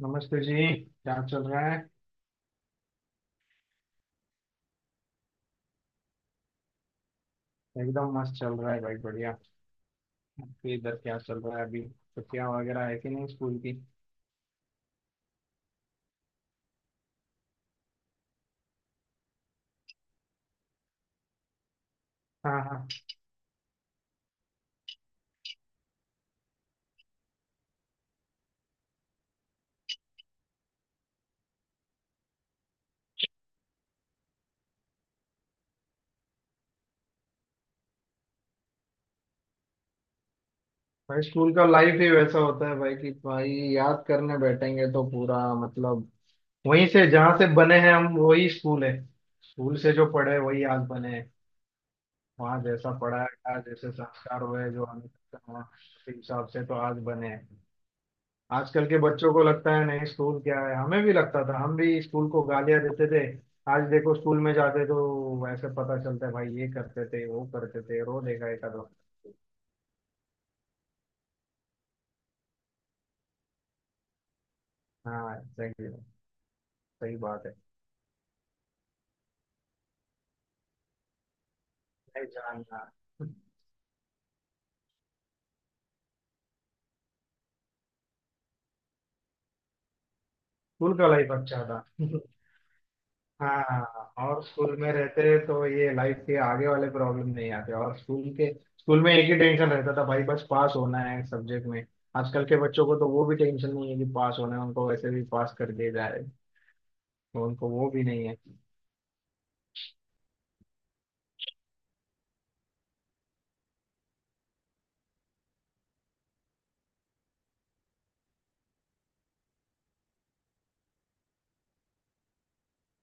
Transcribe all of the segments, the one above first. नमस्ते जी। क्या चल रहा है? एकदम मस्त चल रहा है भाई बढ़िया। आपके इधर क्या चल रहा है? अभी छुट्टियां वगैरह है कि नहीं स्कूल की? हाँ हाँ। भाई स्कूल का लाइफ ही वैसा होता है भाई कि भाई याद करने बैठेंगे तो पूरा मतलब वहीं से जहाँ से बने हैं हम वही स्कूल है। स्कूल से जो पढ़े वही आज बने हैं। वहाँ जैसा पढ़ाया गया जैसे संस्कार हुए जो हमें वहाँ उसी हिसाब से तो आज बने हैं। आजकल के बच्चों को लगता है नहीं स्कूल क्या है, हमें भी लगता था, हम भी स्कूल को गालियां देते थे। आज देखो स्कूल में जाते तो ऐसे पता चलता है भाई ये करते थे वो करते थे, रो देगा एक दो। हाँ सही। सही बात है। नहीं जानना। स्कूल का लाइफ अच्छा था। हाँ और स्कूल में रहते तो ये लाइफ के आगे वाले प्रॉब्लम नहीं आते, और स्कूल के। स्कूल में एक ही टेंशन रहता था भाई, बस पास होना है सब्जेक्ट में। आजकल के बच्चों को तो वो भी टेंशन नहीं है कि पास होना है, उनको वैसे भी पास कर दिया जाए। तो उनको वो भी नहीं है।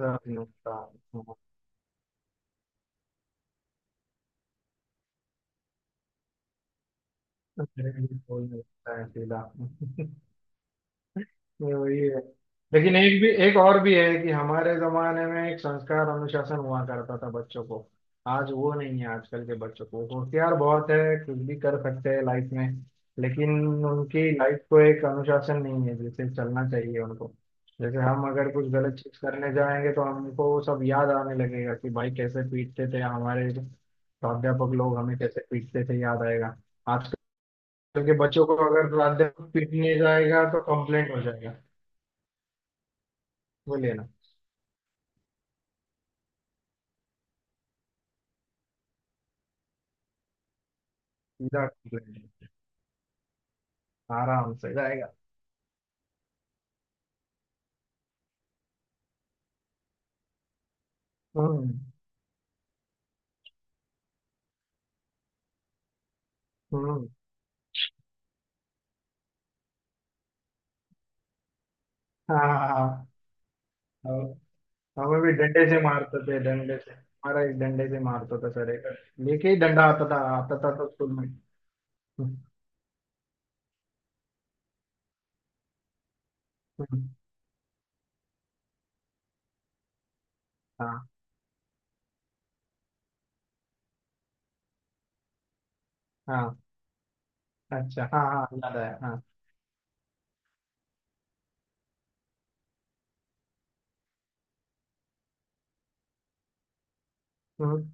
सब नहीं होता है। कोई नहीं होता है अकेला। तो वही है। लेकिन एक और भी है कि हमारे जमाने में एक संस्कार अनुशासन हुआ करता था बच्चों को। आज वो नहीं है। आजकल के बच्चों को होशियार बहुत है। कुछ भी कर सकते हैं लाइफ में। लेकिन उनकी लाइफ को एक अनुशासन नहीं है जैसे चलना चाहिए उनको। जैसे हम अगर कुछ गलत चीज करने जाएंगे तो हमको वो सब याद आने लगेगा कि भाई कैसे पीटते थे हमारे प्राध्यापक लोग, हमें कैसे पीटते थे याद आएगा। आजकल के बच्चों को अगर प्राध्यापक पीटने जाएगा तो कंप्लेंट हो जाएगा। वो लेना सीधा complaint, आराम से जाएगा। हम्म, हम्म। हाँ हाँ हाँ, हम- हमें भी डंडे से मारते थे। डंडे से हमारा एक डंडे से मारता था सर, एक लेके ही डंडा आता था, आता था तो स्कूल में। हम्म, हम्म, हाँ हाँ। अच्छा, हाँ हाँ, याद आया, हाँ। हम्म,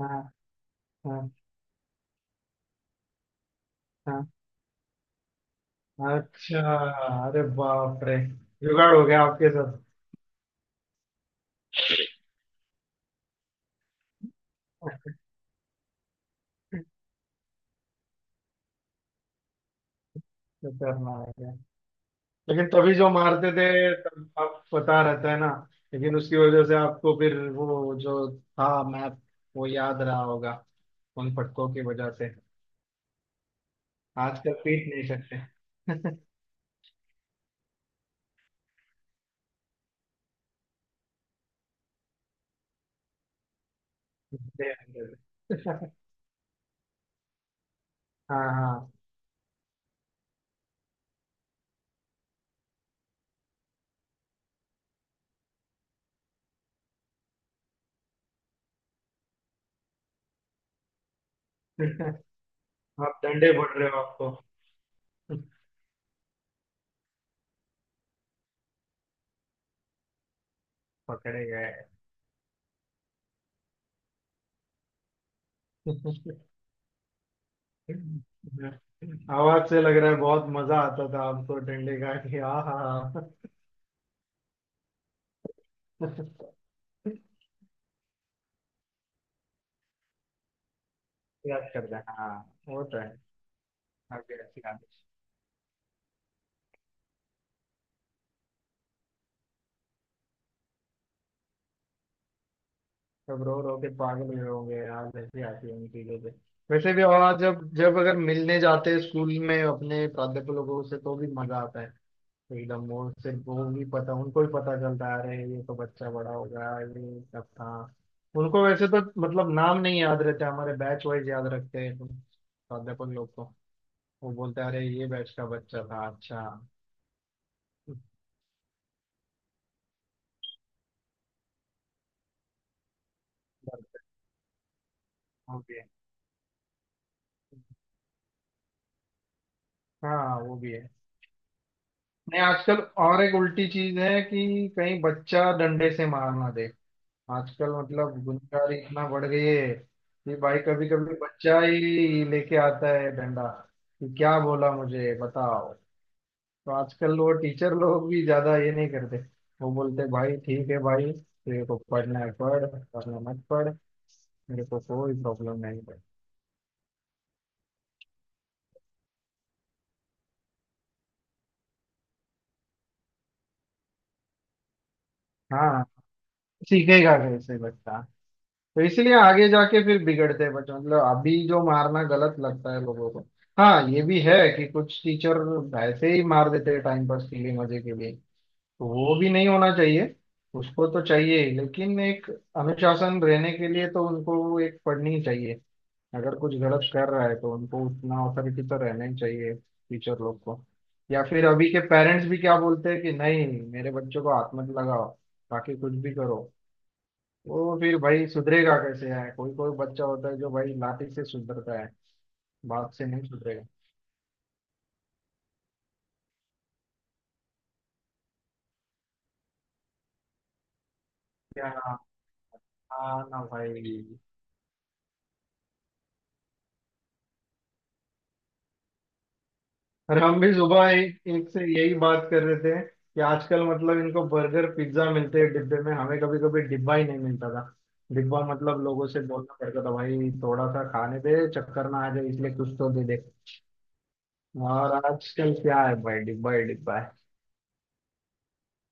हाँ हाँ हाँ। अच्छा। अरे बाप रे। जुगाड़ हो गया आपके साथ। खतरनाक है। लेकिन तभी जो मारते थे तब आप पता रहता है ना। लेकिन उसकी वजह से आपको फिर वो जो था मैप वो याद रहा होगा, उन फटकों की वजह से। आजकल पीट नहीं सकते। इसलिए याद रहता है। हाँ हाँ। आप डंडे फोड़ रहे हो आपको। पकड़े गए। आवाज से लग रहा है बहुत मजा आता था आपको डंडे का, कि हाँ हाँ। हाँ। याद करता है, हाँ। वो तो है। आपकी अच्छी बात है। सब रो रो के पागल हुए होंगे यार, ऐसी आती है उन चीजों से। वैसे भी, और जब जब अगर मिलने जाते हैं स्कूल में अपने प्राध्यापक लोगों से तो भी मजा आता है। एकदम वो से वो भी पता, उनको भी पता चलता है अरे ये तो बच्चा बड़ा हो गया, ये सब था। उनको वैसे तो मतलब नाम नहीं याद रहते, हमारे बैच वाइज याद रखते हैं तो प्राध्यापक लोग को। वो बोलते हैं अरे ये बैच का बच्चा था, अच्छा। वो भी है। हाँ वो भी है। नहीं आजकल और एक उल्टी चीज है कि कहीं बच्चा डंडे से मार ना दे। आजकल मतलब गुनहगारी इतना बढ़ गई है कि भाई कभी कभी बच्चा ही लेके आता है डंडा कि क्या बोला मुझे बताओ। तो आजकल वो टीचर लोग भी ज्यादा ये नहीं करते। वो बोलते भाई ठीक है भाई तेरे को पढ़ना है पढ़, पढ़ना मत पढ़, मेरे को कोई प्रॉब्लम नहीं है। हाँ। सीखेगा कैसे बच्चा। तो इसलिए आगे जाके फिर बिगड़ते हैं बच्चे, मतलब अभी जो मारना गलत लगता है लोगों को। हाँ ये भी है कि कुछ टीचर ऐसे ही मार देते हैं, टाइम पास के लिए, मजे के लिए। तो वो भी नहीं होना चाहिए। उसको तो चाहिए ही, लेकिन एक अनुशासन रहने के लिए तो उनको एक पढ़नी चाहिए। अगर कुछ गलत कर रहा है तो उनको उतना अथॉरिटी तो रहना ही चाहिए टीचर लोग को। या फिर अभी के पेरेंट्स भी क्या बोलते हैं कि नहीं मेरे बच्चों को हाथ मत लगाओ, बाकी कुछ भी करो। वो फिर भाई सुधरेगा कैसे? है कोई कोई बच्चा होता है जो भाई लाठी से सुधरता है, बात से नहीं सुधरेगा। क्या? हाँ ना भाई। अरे हम भी सुबह एक एक से यही बात कर रहे थे कि आजकल मतलब इनको बर्गर पिज्जा मिलते हैं डिब्बे में, हमें कभी कभी डिब्बा ही नहीं मिलता था। डिब्बा मतलब लोगों से बोलना पड़ता था भाई थोड़ा सा खाने दे, चक्कर ना आ जाए, इसलिए कुछ तो दे दे। और आजकल क्या है भाई डिब्बा ही डिब्बा है।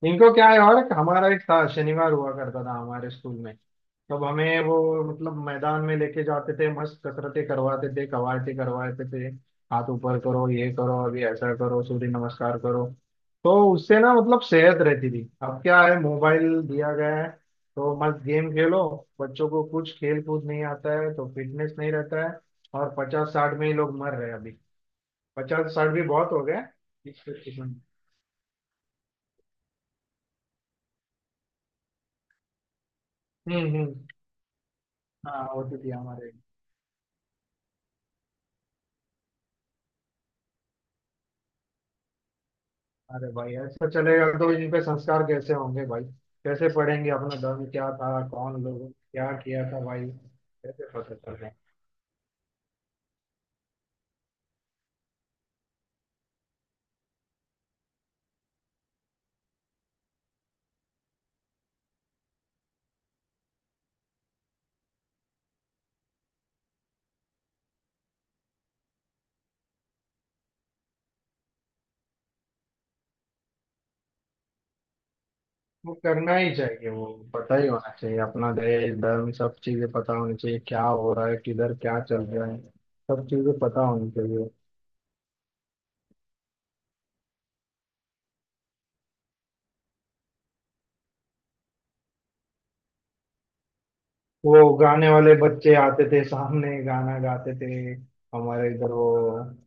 इनको क्या है, और हमारा एक था शनिवार हुआ करता था हमारे स्कूल में। तब हमें वो मतलब मैदान में लेके जाते थे, मस्त कसरतें करवाते थे, कवायते करवाते थे। हाथ ऊपर करो, ये करो, अभी ऐसा करो, सूर्य नमस्कार करो। तो उससे ना मतलब सेहत रहती थी, अब क्या है मोबाइल दिया गया है तो मस्त गेम खेलो। बच्चों को कुछ खेल कूद नहीं आता है तो फिटनेस नहीं रहता है। और 50 60 में ही लोग मर रहे हैं अभी। 50 60 भी बहुत हो गए। इस किस्म। हम्म, हम्म। हाँ होती थी हमारे। अरे भाई ऐसा चलेगा तो इनके संस्कार कैसे होंगे भाई? कैसे पढ़ेंगे, अपना धर्म क्या था, कौन लोग क्या किया था, भाई कैसे पता चलेगा? वो करना ही चाहिए। वो पता ही होना चाहिए, अपना देश धर्म सब चीजें पता होनी चाहिए, क्या हो रहा है किधर क्या चल रहा है। सब चीजें पता होनी चाहिए। वो गाने वाले बच्चे आते थे सामने गाना गाते थे। हमारे इधर वो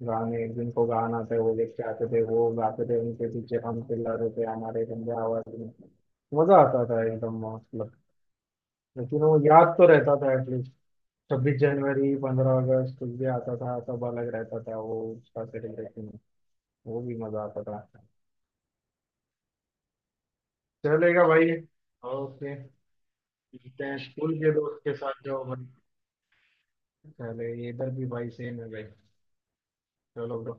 गाने जिनको गाना था वो लेके आते थे, वो गाते थे, उनके पीछे हम चिल्लाते थे, हमारे गंदे आवाज में। मजा आता था एकदम, मतलब। लेकिन वो याद तो रहता था एटलीस्ट। 26 जनवरी, 15 अगस्त, कुछ भी आता था सब अलग रहता था वो उसका सेलिब्रेशन। वो भी मजा आता था। चलेगा भाई। ओके। मिलते हैं स्कूल के दोस्त के साथ जो भाई। चले इधर भी भाई सेम है भाई। चलो bro।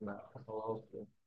Nah, No no, no.